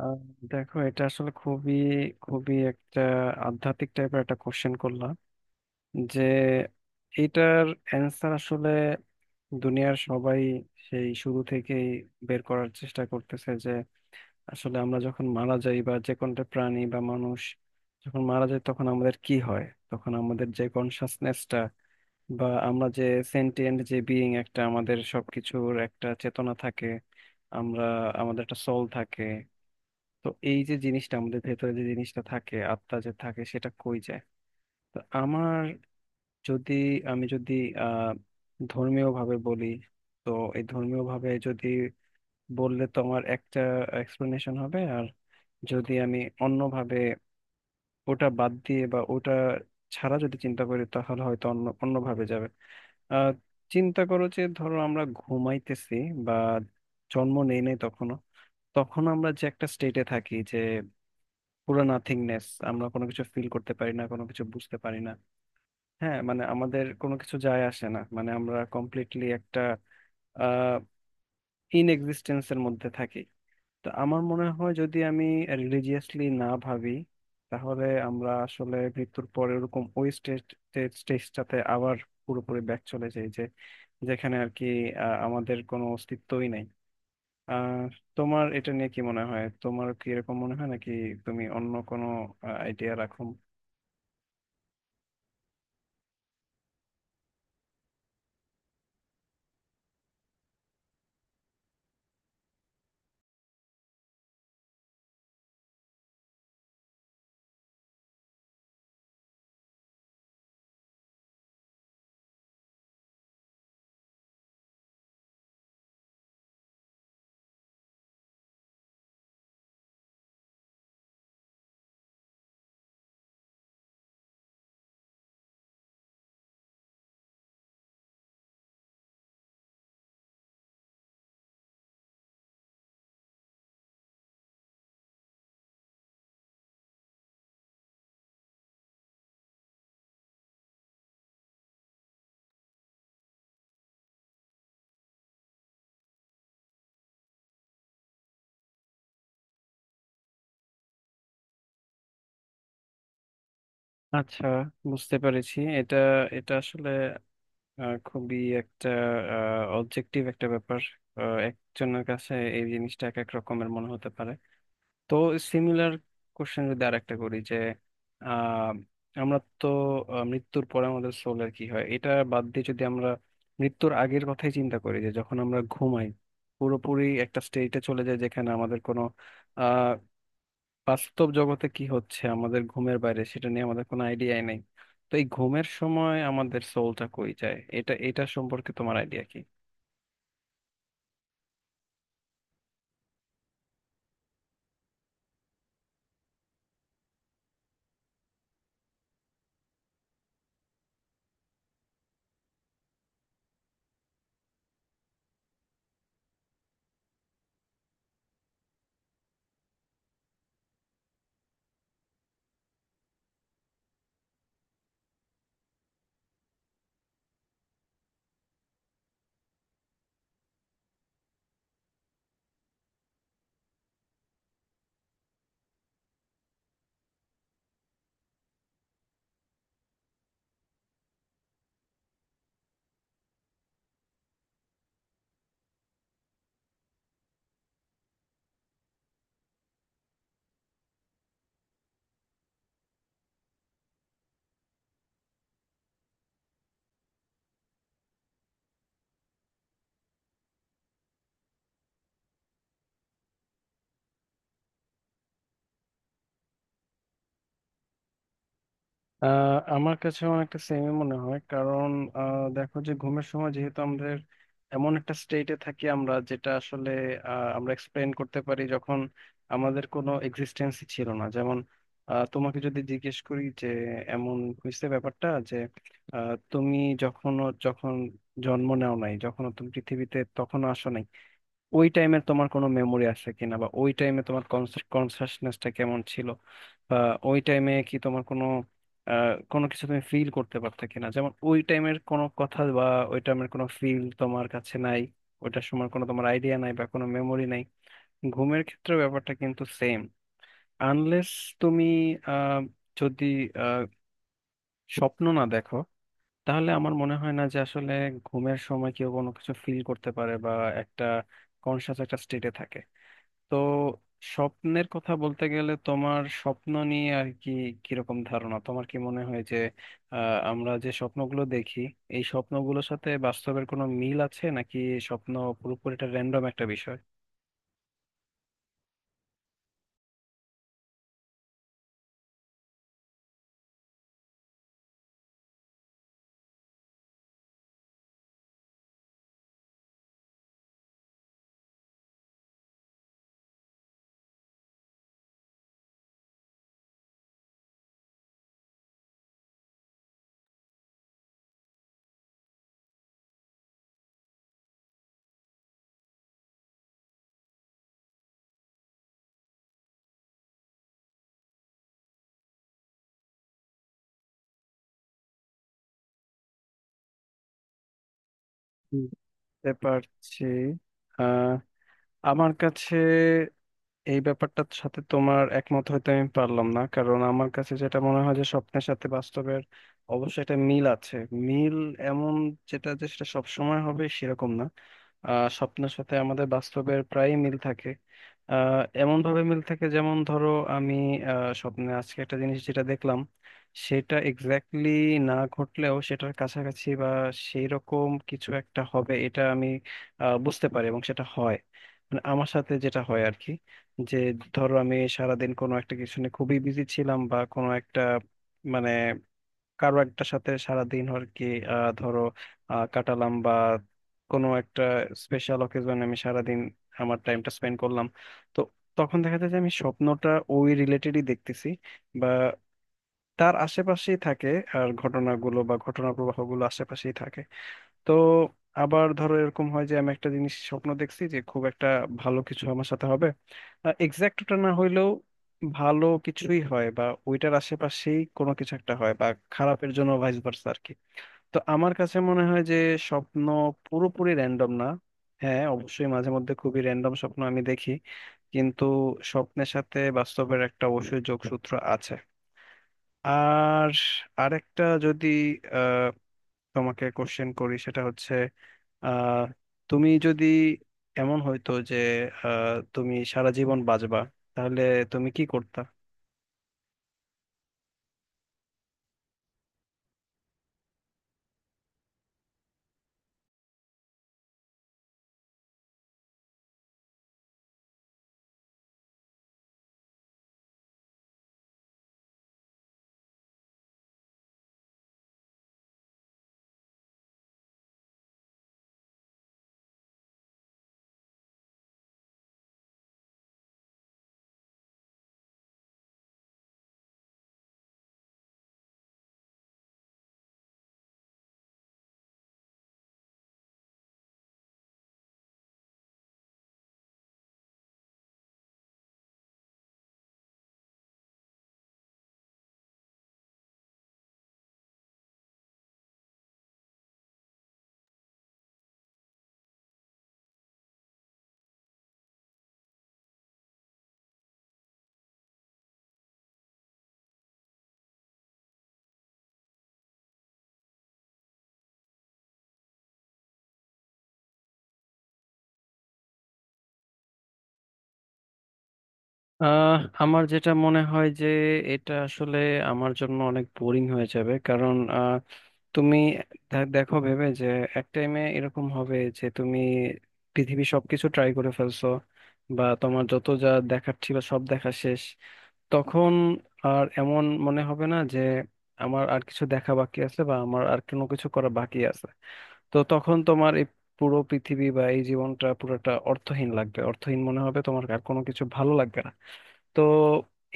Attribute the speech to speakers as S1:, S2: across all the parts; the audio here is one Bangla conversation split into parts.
S1: আহ, দেখো, এটা আসলে খুবই খুবই একটা আধ্যাত্মিক টাইপের একটা কোশ্চেন করলাম যে এটার অ্যান্সার আসলে দুনিয়ার সবাই সেই শুরু থেকেই বের করার চেষ্টা করতেছে যে আসলে আমরা যখন মারা যাই বা যে কোনটা প্রাণী বা মানুষ যখন মারা যায় তখন আমাদের কি হয়। তখন আমাদের যে কনসাসনেসটা বা আমরা যে সেন্টিয়েন্ট যে বিইং, একটা আমাদের সবকিছুর একটা চেতনা থাকে, আমরা আমাদের একটা সোল থাকে। তো এই যে জিনিসটা আমাদের ভেতরে, যে জিনিসটা থাকে, আত্মা যে থাকে, সেটা কই যায়? তো আমার যদি আমি যদি আহ ধর্মীয় ভাবে বলি, তো এই ধর্মীয় ভাবে যদি বললে তো আমার একটা এক্সপ্লেনেশন হবে, আর যদি আমি অন্যভাবে, ওটা বাদ দিয়ে বা ওটা ছাড়া যদি চিন্তা করি, তাহলে হয়তো অন্যভাবে যাবে। আহ চিন্তা করো যে ধরো আমরা ঘুমাইতেছি বা জন্ম নেই নাই তখনো, তখন আমরা যে একটা স্টেটে থাকি, যে পুরো নাথিংনেস, আমরা কোনো কিছু ফিল করতে পারি না, কোনো কিছু বুঝতে পারি না। হ্যাঁ, মানে আমাদের কোনো কিছু যায় আসে না, মানে আমরা কমপ্লিটলি একটা আহ ইন এক্সিস্টেন্সের মধ্যে থাকি। তো আমার মনে হয় যদি আমি রিলিজিয়াসলি না ভাবি, তাহলে আমরা আসলে মৃত্যুর পরে ওরকম ওই স্টেজটাতে আবার পুরোপুরি ব্যাক চলে যাই, যে যেখানে আর কি আমাদের কোনো অস্তিত্বই নাই। আহ তোমার এটা নিয়ে কি মনে হয়? তোমার কি এরকম মনে হয়, নাকি তুমি অন্য কোনো আইডিয়া রাখো? আচ্ছা, বুঝতে পেরেছি। এটা এটা আসলে খুবই একটা অবজেক্টিভ একটা ব্যাপার। একজনের কাছে এই জিনিসটা এক এক রকমের মনে হতে পারে। তো সিমিলার কোশ্চেন যদি আর একটা করি যে আহ, আমরা তো মৃত্যুর পরে আমাদের সোলের কি হয়, এটা বাদ দিয়ে যদি আমরা মৃত্যুর আগের কথাই চিন্তা করি, যে যখন আমরা ঘুমাই পুরোপুরি একটা স্টেটে চলে যায়, যেখানে আমাদের কোনো, বাস্তব জগতে কি হচ্ছে আমাদের ঘুমের বাইরে, সেটা নিয়ে আমাদের কোনো আইডিয়াই নেই। তো এই ঘুমের সময় আমাদের সোলটা কই যায়, এটা এটা সম্পর্কে তোমার আইডিয়া কি? আমার কাছে অনেকটা সেমই মনে হয়, কারণ দেখো, যে ঘুমের সময় যেহেতু আমাদের এমন একটা স্টেটে থাকি আমরা, যেটা আসলে আমরা এক্সপ্লেন করতে পারি যখন আমাদের কোনো এক্সিস্টেন্সই ছিল না। যেমন তোমাকে যদি জিজ্ঞেস করি যে এমন হয়েছে ব্যাপারটা যে তুমি যখন জন্ম নেও নাই, যখন তুমি পৃথিবীতে তখনও আসো নাই, ওই টাইমে তোমার কোনো মেমোরি আছে কিনা, বা ওই টাইমে তোমার কনসাসনেসটা কেমন ছিল, বা ওই টাইমে কি তোমার কোনো কোনো কিছু তুমি ফিল করতে পারতে কিনা? যেমন ওই টাইমের কোনো কথা বা ওই টাইমের কোনো ফিল তোমার কাছে নাই, ওইটার সময় কোনো তোমার আইডিয়া নাই বা কোনো মেমোরি নাই। ঘুমের ক্ষেত্রে ব্যাপারটা কিন্তু সেম, আনলেস তুমি আহ, যদি আহ, স্বপ্ন না দেখো। তাহলে আমার মনে হয় না যে আসলে ঘুমের সময় কেউ কোনো কিছু ফিল করতে পারে বা একটা কনসাস একটা স্টেটে থাকে। তো স্বপ্নের কথা বলতে গেলে, তোমার স্বপ্ন নিয়ে আর কি কিরকম ধারণা? তোমার কি মনে হয় যে আমরা যে স্বপ্নগুলো দেখি, এই স্বপ্নগুলোর সাথে বাস্তবের কোনো মিল আছে, নাকি স্বপ্ন পুরোপুরি একটা র্যান্ডম একটা বিষয়? বুঝতে পারছি। আহ আমার কাছে এই ব্যাপারটার সাথে তোমার একমত হইতে আমি পারলাম না, কারণ আমার কাছে যেটা মনে হয় যে স্বপ্নের সাথে বাস্তবের অবশ্যই একটা মিল আছে। মিল এমন, যেটা যে সেটা সবসময় হবে সেরকম না। স্বপ্নের সাথে আমাদের বাস্তবের প্রায় মিল থাকে। এমন ভাবে মিল থাকে, যেমন ধরো আমি স্বপ্নে আজকে একটা জিনিস যেটা দেখলাম, সেটা এক্স্যাক্টলি না ঘটলেও, সেটার কাছাকাছি বা সেই রকম কিছু একটা হবে, এটা আমি বুঝতে পারি এবং সেটা হয়। মানে আমার সাথে যেটা হয় আর কি, যে ধরো আমি সারাদিন কোনো একটা কিছু নিয়ে খুবই বিজি ছিলাম, বা কোনো একটা, মানে কারো একটা সাথে সারাদিন আর কি ধরো কাটালাম, বা কোনো একটা স্পেশাল অকেজন আমি সারাদিন আমার টাইমটা স্পেন্ড করলাম, তো তখন দেখা যায় যে আমি স্বপ্নটা ওই রিলেটেডই দেখতেছি, বা তার আশেপাশেই থাকে, আর ঘটনাগুলো বা ঘটনা প্রবাহগুলো আশেপাশেই থাকে। তো আবার ধরো এরকম হয় যে আমি একটা জিনিস স্বপ্ন দেখছি যে খুব একটা ভালো কিছু আমার সাথে হবে, এক্সাক্ট ওটা না হইলেও ভালো কিছুই হয়, বা ওইটার আশেপাশেই কোনো কিছু একটা হয়, বা খারাপের জন্য ভাইস ভার্সা আর কি। তো আমার কাছে মনে হয় যে স্বপ্ন পুরোপুরি র্যান্ডম না। হ্যাঁ, অবশ্যই মাঝে মধ্যে খুবই র্যান্ডম স্বপ্ন আমি দেখি, কিন্তু স্বপ্নের সাথে বাস্তবের একটা অবশ্যই যোগসূত্র আছে। আর আরেকটা যদি তোমাকে কোশ্চেন করি, সেটা হচ্ছে আহ তুমি যদি, এমন হইতো যে তুমি সারা জীবন বাঁচবা, তাহলে তুমি কি করতা? আহ আমার যেটা মনে হয় যে এটা আসলে আমার জন্য অনেক বোরিং হয়ে যাবে, কারণ তুমি দেখো ভেবে, যে এক টাইমে এরকম হবে যে তুমি পৃথিবীর সবকিছু ট্রাই করে ফেলছো, বা তোমার যত যা দেখার ছিল সব দেখা শেষ। তখন আর এমন মনে হবে না যে আমার আর কিছু দেখা বাকি আছে বা আমার আর কোনো কিছু করা বাকি আছে। তো তখন তোমার এই পুরো পৃথিবী বা এই জীবনটা পুরোটা অর্থহীন লাগবে, অর্থহীন মনে হবে, তোমার আর কোনো কিছু ভালো লাগবে না। তো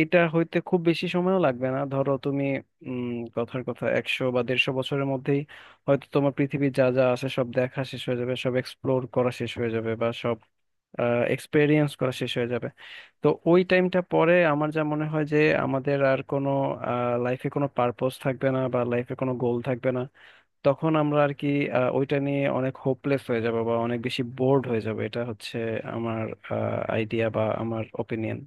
S1: এটা হইতে খুব বেশি সময়ও লাগবে না, ধরো তুমি কথার কথা 100 বা 150 বছরের মধ্যেই হয়তো তোমার পৃথিবীর যা যা আছে সব দেখা শেষ হয়ে যাবে, সব এক্সপ্লোর করা শেষ হয়ে যাবে বা সব এক্সপেরিয়েন্স করা শেষ হয়ে যাবে। তো ওই টাইমটা পরে আমার যা মনে হয় যে আমাদের আর কোনো, লাইফে কোনো পারপোজ থাকবে না বা লাইফে কোনো গোল থাকবে না। তখন আমরা আর কি ওইটা নিয়ে অনেক হোপলেস হয়ে যাব বা অনেক বেশি বোর্ড হয়ে যাব। এটা হচ্ছে আমার আইডিয়া বা আমার ওপিনিয়ন।